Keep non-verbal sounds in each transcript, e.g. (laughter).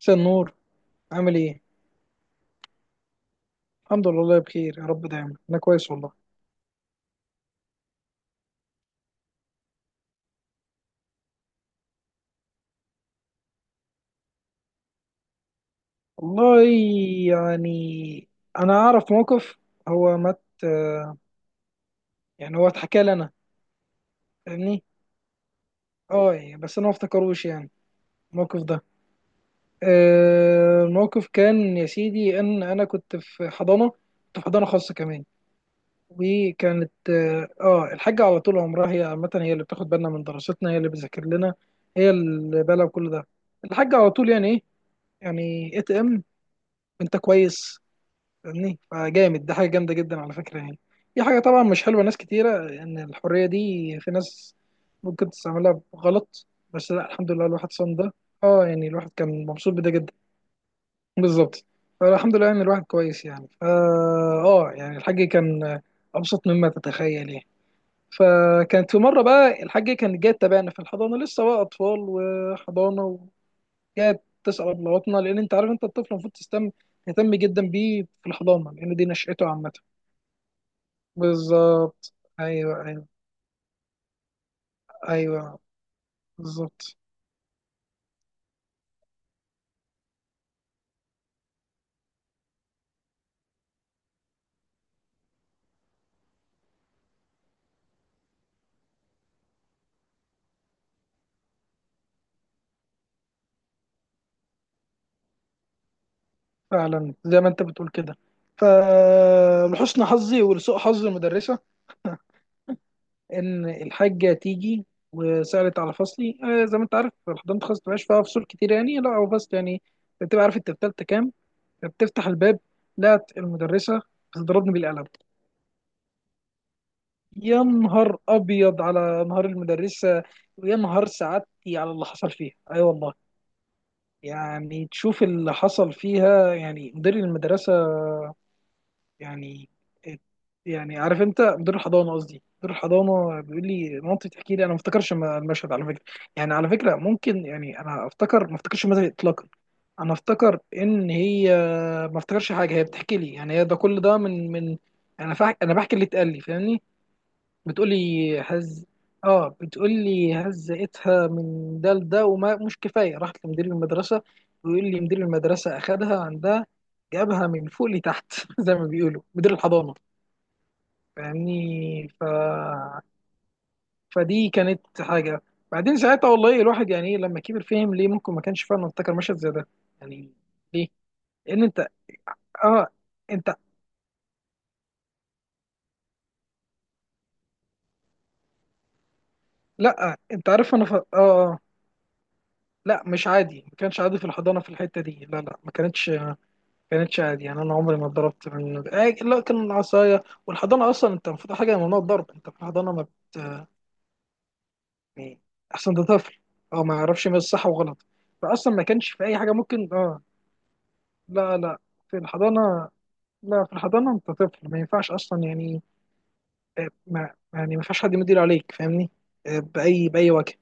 مساء النور. عامل ايه؟ الحمد لله، والله بخير. يا رب دايما انا كويس والله. والله يعني انا اعرف موقف. هو مت يعني هو اتحكى لي انا. فاهمني؟ اه يعني بس انا ما افتكروش يعني الموقف ده. الموقف كان يا سيدي ان انا كنت في حضانه، كنت في حضانه خاصه كمان. وكانت الحاجه على طول عمرها هي عامه، هي اللي بتاخد بالنا من دراستنا، هي اللي بتذاكر لنا، هي اللي بالها بكل ده. الحاجه على طول يعني ايه، يعني ATM. انت كويس. فاهمني، فجامد ده، حاجه جامده جدا على فكره يعني. دي حاجه طبعا مش حلوه ناس كتيره، ان الحريه دي في ناس ممكن تستعملها غلط. بس لا الحمد لله الواحد صان ده. اه يعني الواحد كان مبسوط بده جدا، بالظبط. فالحمد لله ان الواحد كويس يعني فا اه يعني الحاج كان ابسط مما تتخيل يعني. فكانت في مره بقى الحاج كان جاي تابعنا في الحضانه، لسه بقى اطفال وحضانه. جاية بتسأل أبلغتنا، لأن أنت عارف، أنت الطفل المفروض تهتم، تهتم جدا بيه في الحضانة، لأن دي نشأته عامة. بالظبط، أيوه أيوه أيوه بالظبط. فعلا زي ما أنت بتقول كده. فلحسن حظي ولسوء حظ المدرسة، إن الحاجة تيجي وسألت على فصلي. زي ما أنت عارف الحضانة خاصة مبقاش فيها فصول كتير، يعني لا هو فصل يعني. أنت بتبقى عارف أنت في تالتة كام. بتفتح الباب، لقت المدرسة بتضربني بالقلم. يا نهار ابيض على نهار المدرسه، ويا نهار سعادتي على اللي حصل فيها. اي أيوة والله. يعني تشوف اللي حصل فيها، يعني مدير المدرسه، يعني يعني عارف انت مدير الحضانه، قصدي مدير الحضانه بيقول لي، مامتي بتحكي لي، انا ما افتكرش المشهد على فكره. يعني على فكره ممكن يعني انا افتكر، ما افتكرش المشهد اطلاقا. انا افتكر ان هي، ما افتكرش حاجه، هي بتحكي لي يعني، هي ده كل ده من. انا بحكي اللي اتقال لي، فاهمني. بتقولي هز اه بتقولي هزقتها من ده لده، وما مش كفايه راحت لمدير المدرسه، ويقول لي مدير المدرسه اخدها عندها، جابها من فوق لتحت (laughs) زي ما بيقولوا مدير الحضانه. فاهمني، فدي كانت حاجه. بعدين ساعتها والله الواحد يعني ايه، لما كبر فهم ليه ممكن ما كانش فعلا افتكر مشهد زي ده يعني. ليه؟ لان انت، اه انت، لا انت عارف انا ف... اه آه. لا مش عادي، ما كانش عادي في الحضانه في الحته دي، لا لا ما كانتش عادي. يعني انا عمري ما اتضربت من آه، لا كان العصايه والحضانه، اصلا انت المفروض حاجه ممنوع الضرب انت في الحضانه ما. يعني احسن ده طفل، هو ما يعرفش ما الصح وغلط. فاصلا ما كانش في اي حاجه ممكن لا لا. في الحضانه، لا في الحضانه انت طفل ما ينفعش اصلا يعني. آه، ما يعني ما ينفعش حد يدير عليك، فاهمني. باي باي وجه.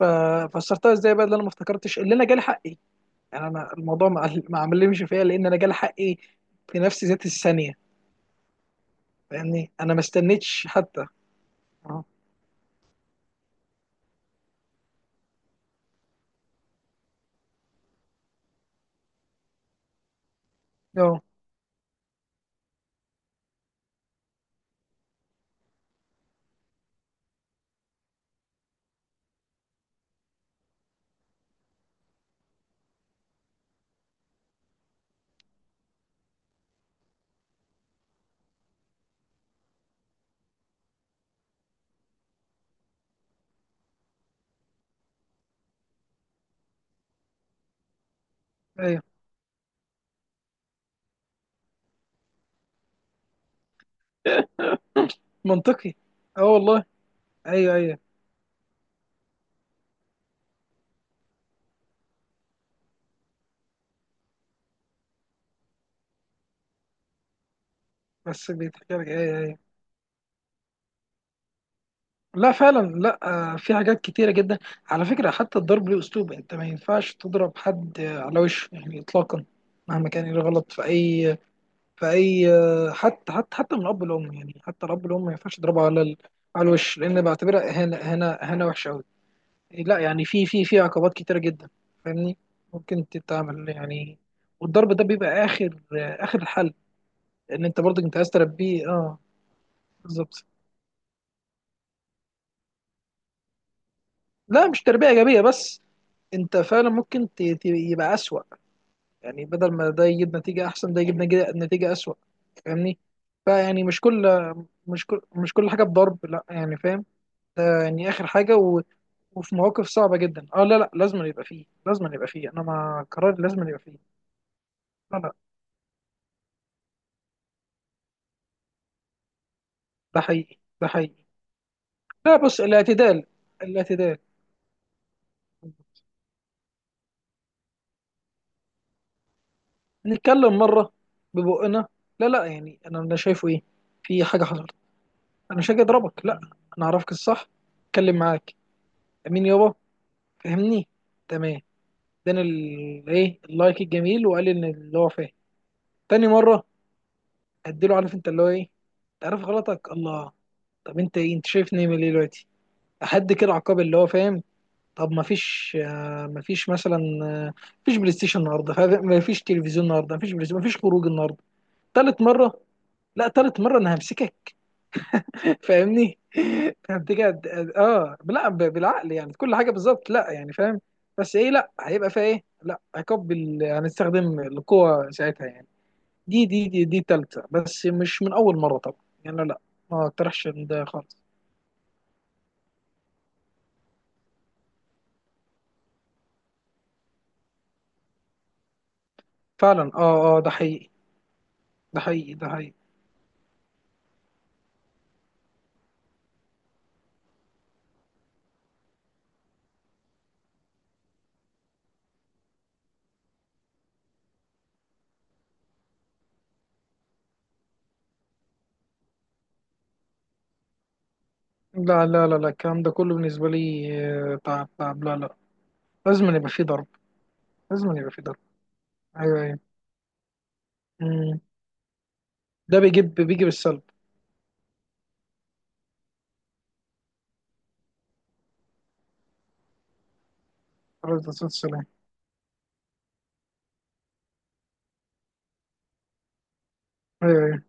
ف- فسرتها ازاي بقى اللي انا ما افتكرتش، اللي انا جالي حقي. يعني انا الموضوع ما عملش فيا، لان انا جالي حقي في نفس ذات الثانيه. فاهمني، انا ما استنيتش حتى. اه اه، ايوه منطقي. اه والله، ايوه ايوه. بس بيتحكي لك، ايوه ايوه. لا فعلا لا. في حاجات كتيرة جدا. على فكرة حتى الضرب له اسلوب، انت ما ينفعش تضرب حد على وشه يعني اطلاقا. مهما كان ايه الغلط في اي حتى من الاب والام. يعني حتى الاب والام ما ينفعش تضربه على الوش، لان بعتبرها اهانة اهانة اهانة وحشة قوي. لا يعني في عقوبات كتيرة جدا فاهمني. ممكن تتعمل يعني، والضرب ده بيبقى اخر الحل. لان انت برضك انت عايز تربيه، بالظبط. لا مش تربيه ايجابيه بس، انت فعلا ممكن يبقى اسوأ. يعني بدل ما ده يجيب نتيجه احسن، ده يجيب نتيجة اسوأ. فاهمني، فيعني مش كل حاجه بضرب، لا يعني فاهم. ده يعني اخر حاجه. وفي مواقف صعبه جدا، لا لا لازم يبقى فيه، لازم يبقى فيه، انا مع قرار لازم يبقى فيه. لا لا ده حقيقي ده حقيقي. لا بص الاعتدال الاعتدال. نتكلم مره ببقنا. لا لا يعني انا شايفه ايه. في حاجه حصلت، انا مش هاجي اضربك لا، انا اعرفك الصح، اتكلم معاك، امين يابا، فهمني، تمام. اداني ال- ايه اللايك الجميل وقال لي ان اللي هو فاهم. تاني مره اديله، عارف انت اللي هو ايه، انت عارف غلطك الله. طب انت ايه، انت شايفني من ايه ليه دلوقتي؟ احد كده عقاب اللي هو فاهم. طب ما فيش ما فيش مثلا، ما فيش بلاي ستيشن النهارده، ما فيش تلفزيون النهارده، ما فيش بلاي ستيشن، ما فيش خروج النهارده. تالت مرة، لا تالت مرة انا همسكك. (laughs) فاهمني، همسكك لا بالعقل يعني كل حاجة بالظبط، لا يعني فاهم. بس ايه، لا هيبقى فيها ايه، لا عقاب هنستخدم القوة ساعتها يعني. دي تالتة، بس مش من اول مرة طبعا يعني، لا ما اقترحش إن ده خالص. فعلا ده حقيقي ده حقيقي ده حقيقي. لا لا لا لا الكلام ده كله بالنسبة لي تعب تعب، لا لا لازم يبقى فيه ضرب، لازم يبقى فيه ضرب، ايوه ايوه. أمم. ده بيجي بالسلب. عليه الصلاة والسلام، أيوه أيوه.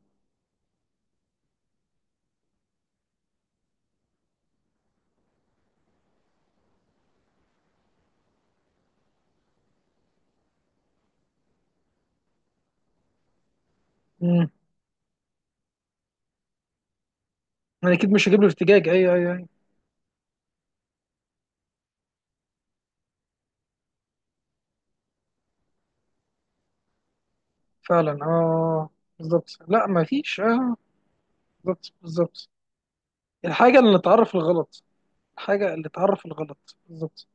مم. أنا أكيد مش هجيب له ارتجاج، أيوه أيوه أيوه. فعلا بالظبط. لا ما فيش بالظبط بالظبط. الحاجة اللي تعرف الغلط، الحاجة اللي تعرف الغلط، بالظبط.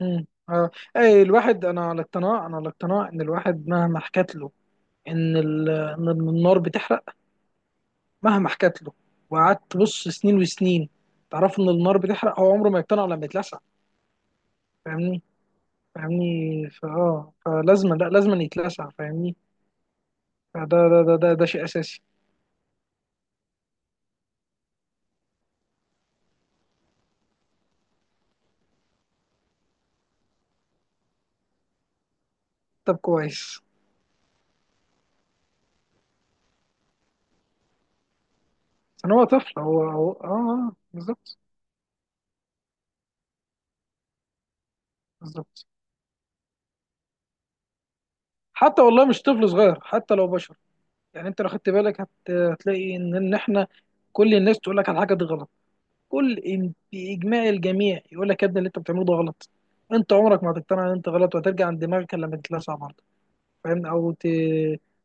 مم. أي الواحد، أنا على اقتناع، أنا على اقتناع إن الواحد مهما حكت له إن إن النار بتحرق، مهما حكت له وقعدت تبص سنين وسنين تعرف إن النار بتحرق، هو عمره ما يقتنع لما يتلسع. فاهمني فاهمني فلازما لا لازما يتلسع، فاهمني. فده ده ده ده, ده شيء اساسي. طب كويس، عشان هو طفل، هو هو اه آه، بالظبط بالظبط. حتى والله مش طفل صغير، حتى لو بشر يعني. انت لو خدت بالك هتلاقي ان احنا، كل الناس تقول لك على حاجه دي غلط، باجماع الجميع يقول لك يا ابني اللي انت بتعمله ده غلط. انت عمرك ما هتقتنع ان انت غلط وهترجع عند دماغك، إلا لما تتلسع بره. فاهمني، او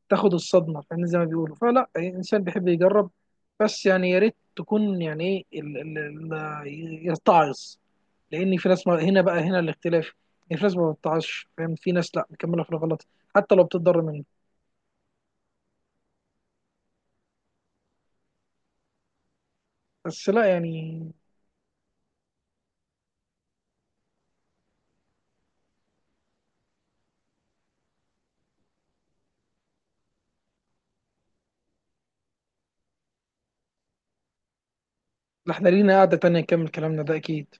تاخد الصدمه، فاهمني زي ما بيقولوا. فلا أي انسان بيحب يجرب، بس يعني يا ريت تكون يعني ايه يتعظ. لان في ناس، ما هنا بقى هنا الاختلاف. يعني في ناس ما بتتعظش فاهم، في ناس لا مكمله في الغلط حتى لو بتتضرر منه. بس لا يعني. لا، احنا لينا قعده تانية نكمل كلامنا ده اكيد.